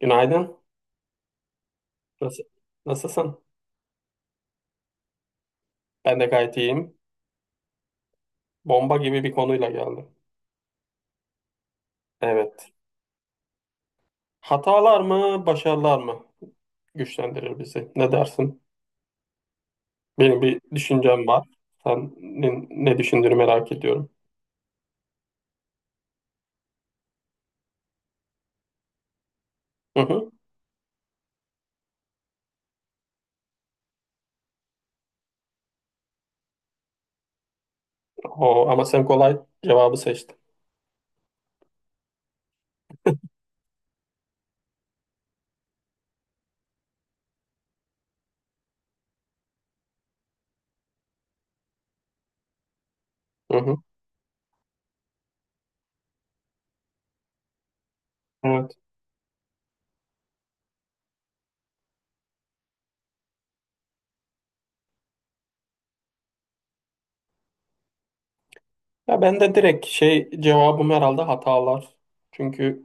Günaydın. Nasıl, nasılsın? Ben de gayet iyiyim. Bomba gibi bir konuyla geldim. Evet. Hatalar mı, başarılar mı güçlendirir bizi? Ne dersin? Benim bir düşüncem var. Senin ne düşündüğünü merak ediyorum. Hı hı. O, ama sen kolay cevabı seçtin. Hı hı. Evet. Ya ben de direkt şey cevabım herhalde hatalar. Çünkü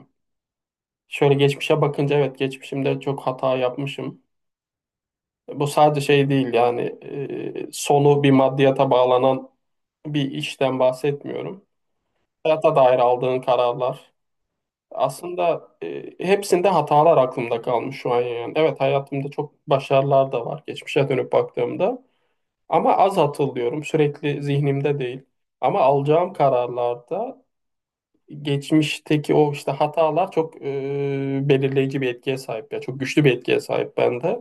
şöyle geçmişe bakınca evet geçmişimde çok hata yapmışım. Bu sadece şey değil yani sonu bir maddiyata bağlanan bir işten bahsetmiyorum. Hayata dair aldığın kararlar. Aslında hepsinde hatalar aklımda kalmış şu an yani. Evet hayatımda çok başarılar da var geçmişe dönüp baktığımda. Ama az hatırlıyorum. Sürekli zihnimde değil. Ama alacağım kararlarda geçmişteki o işte hatalar çok belirleyici bir etkiye sahip ya. Çok güçlü bir etkiye sahip bende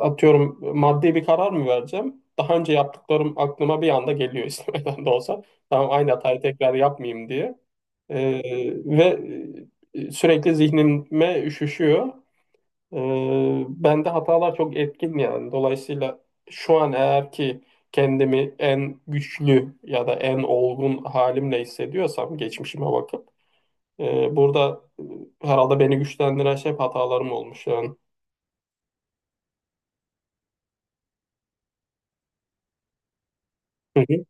atıyorum maddi bir karar mı vereceğim? Daha önce yaptıklarım aklıma bir anda geliyor istemeden de olsa. Tamam aynı hatayı tekrar yapmayayım diye. Ee, ve sürekli zihnime üşüşüyor. Bende hatalar çok etkin yani. Dolayısıyla şu an eğer ki kendimi en güçlü ya da en olgun halimle hissediyorsam geçmişime bakıp burada herhalde beni güçlendiren şey hep hatalarım olmuş yani. Hı hı.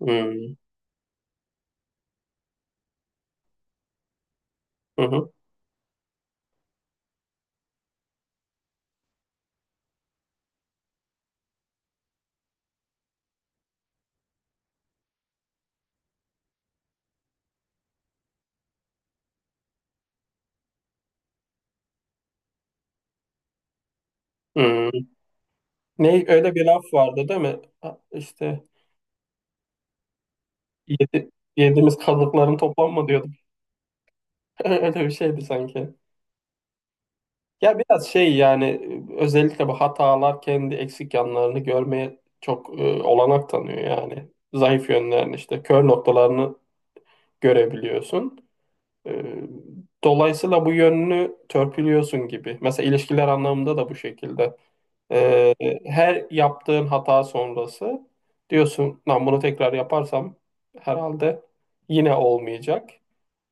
Hı hı. Hı hı. Hı. Ne öyle bir laf vardı değil mi? Ha, İşte yedi, yediğimiz kazıkların toplanma diyorduk. Öyle bir şeydi sanki. Ya biraz şey yani özellikle bu hatalar kendi eksik yanlarını görmeye çok olanak tanıyor yani. Zayıf yönlerini işte kör noktalarını görebiliyorsun. Ee, Dolayısıyla bu yönünü törpülüyorsun gibi. Mesela ilişkiler anlamında da bu şekilde. Ee, her yaptığın hata sonrası diyorsun, lan bunu tekrar yaparsam herhalde yine olmayacak.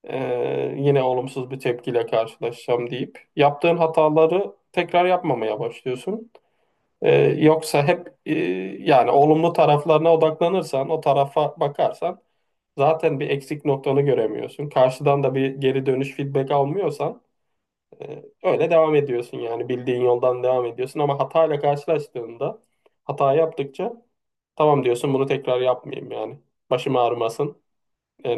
Yine olumsuz bir tepkiyle karşılaşacağım deyip yaptığın hataları tekrar yapmamaya başlıyorsun. Ee, yoksa hep yani olumlu taraflarına odaklanırsan, o tarafa bakarsan zaten bir eksik noktanı göremiyorsun. Karşıdan da bir geri dönüş feedback almıyorsan öyle devam ediyorsun yani bildiğin yoldan devam ediyorsun ama hatayla karşılaştığında hata yaptıkça tamam diyorsun bunu tekrar yapmayayım yani. Başım ağrımasın. E,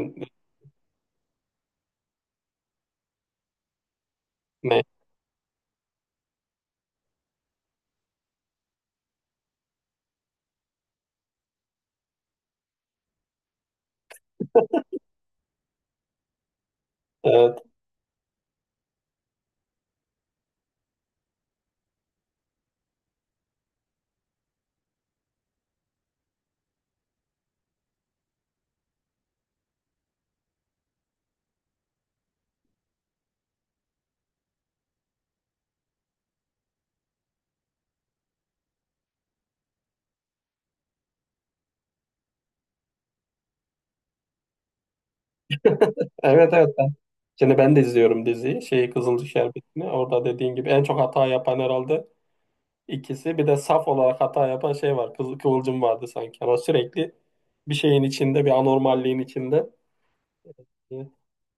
ne? Evet. Evet, evet. Şimdi ben de izliyorum diziyi. Şeyi Kızılcık Şerbeti'ni. Orada dediğin gibi en çok hata yapan herhalde ikisi. Bir de saf olarak hata yapan şey var. Kızıl Kıvılcım vardı sanki. Ama sürekli bir şeyin içinde, bir anormalliğin içinde. e,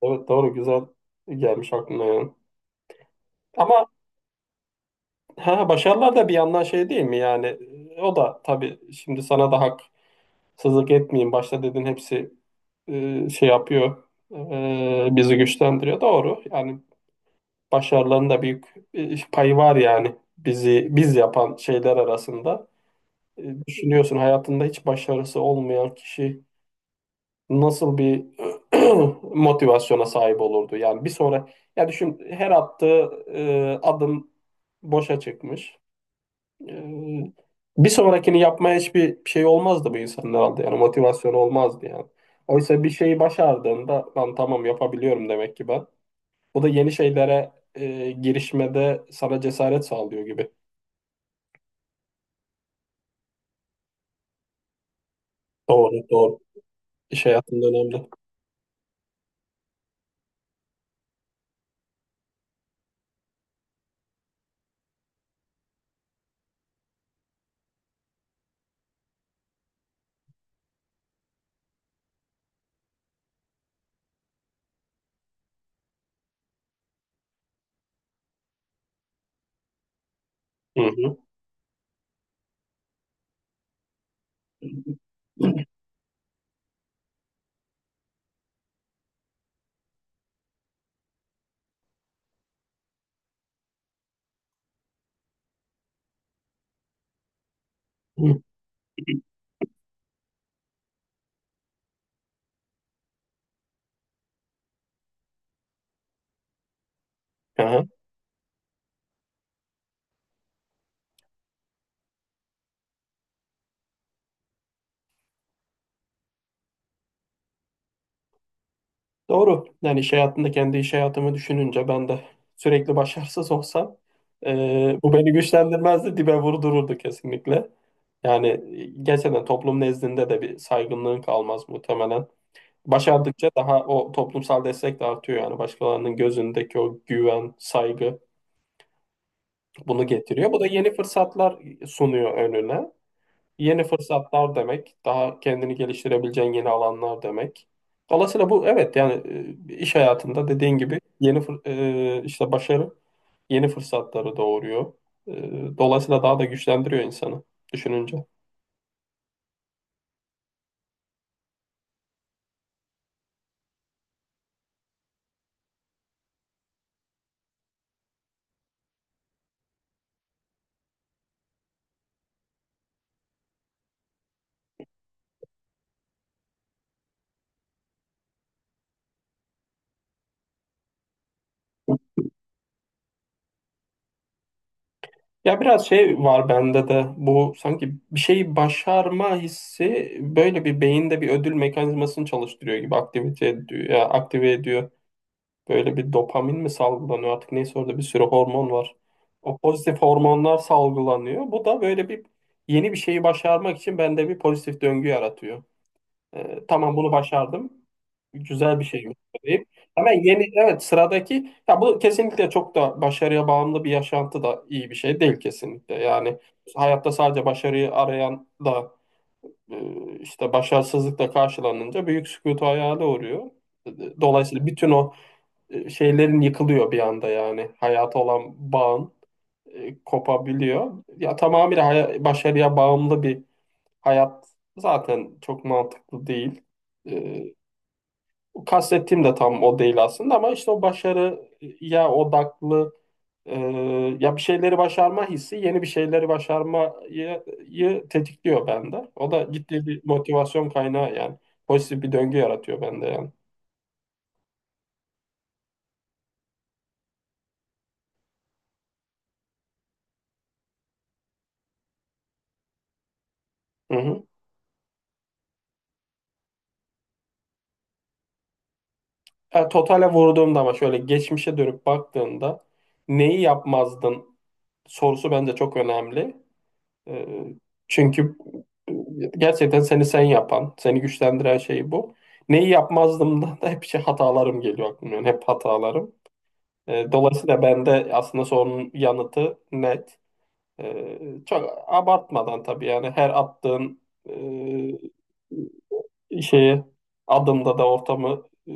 Evet doğru güzel gelmiş aklına yani. Ama ha, başarılar da bir yandan şey değil mi yani o da tabii şimdi sana da haksızlık etmeyeyim başta dedin hepsi şey yapıyor bizi güçlendiriyor doğru yani başarıların da büyük payı var yani bizi biz yapan şeyler arasında. Düşünüyorsun hayatında hiç başarısı olmayan kişi nasıl bir motivasyona sahip olurdu? Yani bir sonra ya düşün her attığı adım boşa çıkmış. E, bir sonrakini yapmaya hiçbir şey olmazdı bu insanın herhalde. Yani motivasyonu olmazdı yani. Oysa bir şeyi başardığında lan tamam yapabiliyorum demek ki ben. Bu da yeni şeylere girişmede sana cesaret sağlıyor gibi. Doğru, doğru. İş hayatında önemli. Hı hı. Hı. Doğru. Yani iş hayatında kendi iş hayatımı düşününce ben de sürekli başarısız olsam bu beni güçlendirmezdi, dibe vurdururdu kesinlikle. Yani gerçekten toplum nezdinde de bir saygınlığın kalmaz muhtemelen. Başardıkça daha o toplumsal destek de artıyor yani başkalarının gözündeki o güven, saygı bunu getiriyor. Bu da yeni fırsatlar sunuyor önüne. Yeni fırsatlar demek, daha kendini geliştirebileceğin yeni alanlar demek. Dolayısıyla bu evet yani iş hayatında dediğin gibi işte başarı yeni fırsatları doğuruyor. Dolayısıyla daha da güçlendiriyor insanı düşününce. Ya biraz şey var bende de bu sanki bir şeyi başarma hissi böyle bir beyinde bir ödül mekanizmasını çalıştırıyor gibi aktivite ediyor, ya aktive ediyor. Böyle bir dopamin mi salgılanıyor artık neyse orada bir sürü hormon var. O pozitif hormonlar salgılanıyor. Bu da böyle bir yeni bir şeyi başarmak için bende bir pozitif döngü yaratıyor. Tamam bunu başardım. Güzel bir şeymiş deyip hemen yeni evet sıradaki ya bu kesinlikle çok da başarıya bağımlı bir yaşantı da iyi bir şey değil kesinlikle. Yani hayatta sadece başarıyı arayan da işte başarısızlıkla karşılanınca büyük sükutu hayale uğruyor. Dolayısıyla bütün o şeylerin yıkılıyor bir anda yani. Hayata olan bağın kopabiliyor. Ya tamamıyla başarıya bağımlı bir hayat zaten çok mantıklı değil. E, kastettiğim de tam o değil aslında ama işte o başarıya odaklı e, ya bir şeyleri başarma hissi yeni bir şeyleri başarmayı tetikliyor bende. O da ciddi bir motivasyon kaynağı yani. Pozitif bir döngü yaratıyor bende yani. Hı hı. Ya totale vurduğumda ama şöyle geçmişe dönüp baktığında neyi yapmazdın sorusu bence çok önemli. Ee, çünkü e, gerçekten seni sen yapan, seni güçlendiren şey bu. Neyi yapmazdım da, da hep şey hatalarım geliyor aklıma. Yani hep hatalarım. Dolayısıyla bende aslında sorunun yanıtı net. Ee, çok abartmadan tabii yani her attığın şeye adımda da ortamı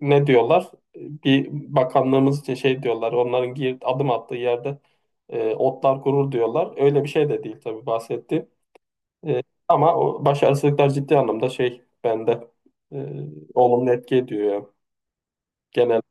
ne diyorlar? Bir bakanlığımız için şey diyorlar. Adım attığı yerde otlar gurur diyorlar. Öyle bir şey de değil tabii bahsetti. Ama o başarısızlıklar ciddi anlamda şey bende e, olumlu etki ediyor ya. Genel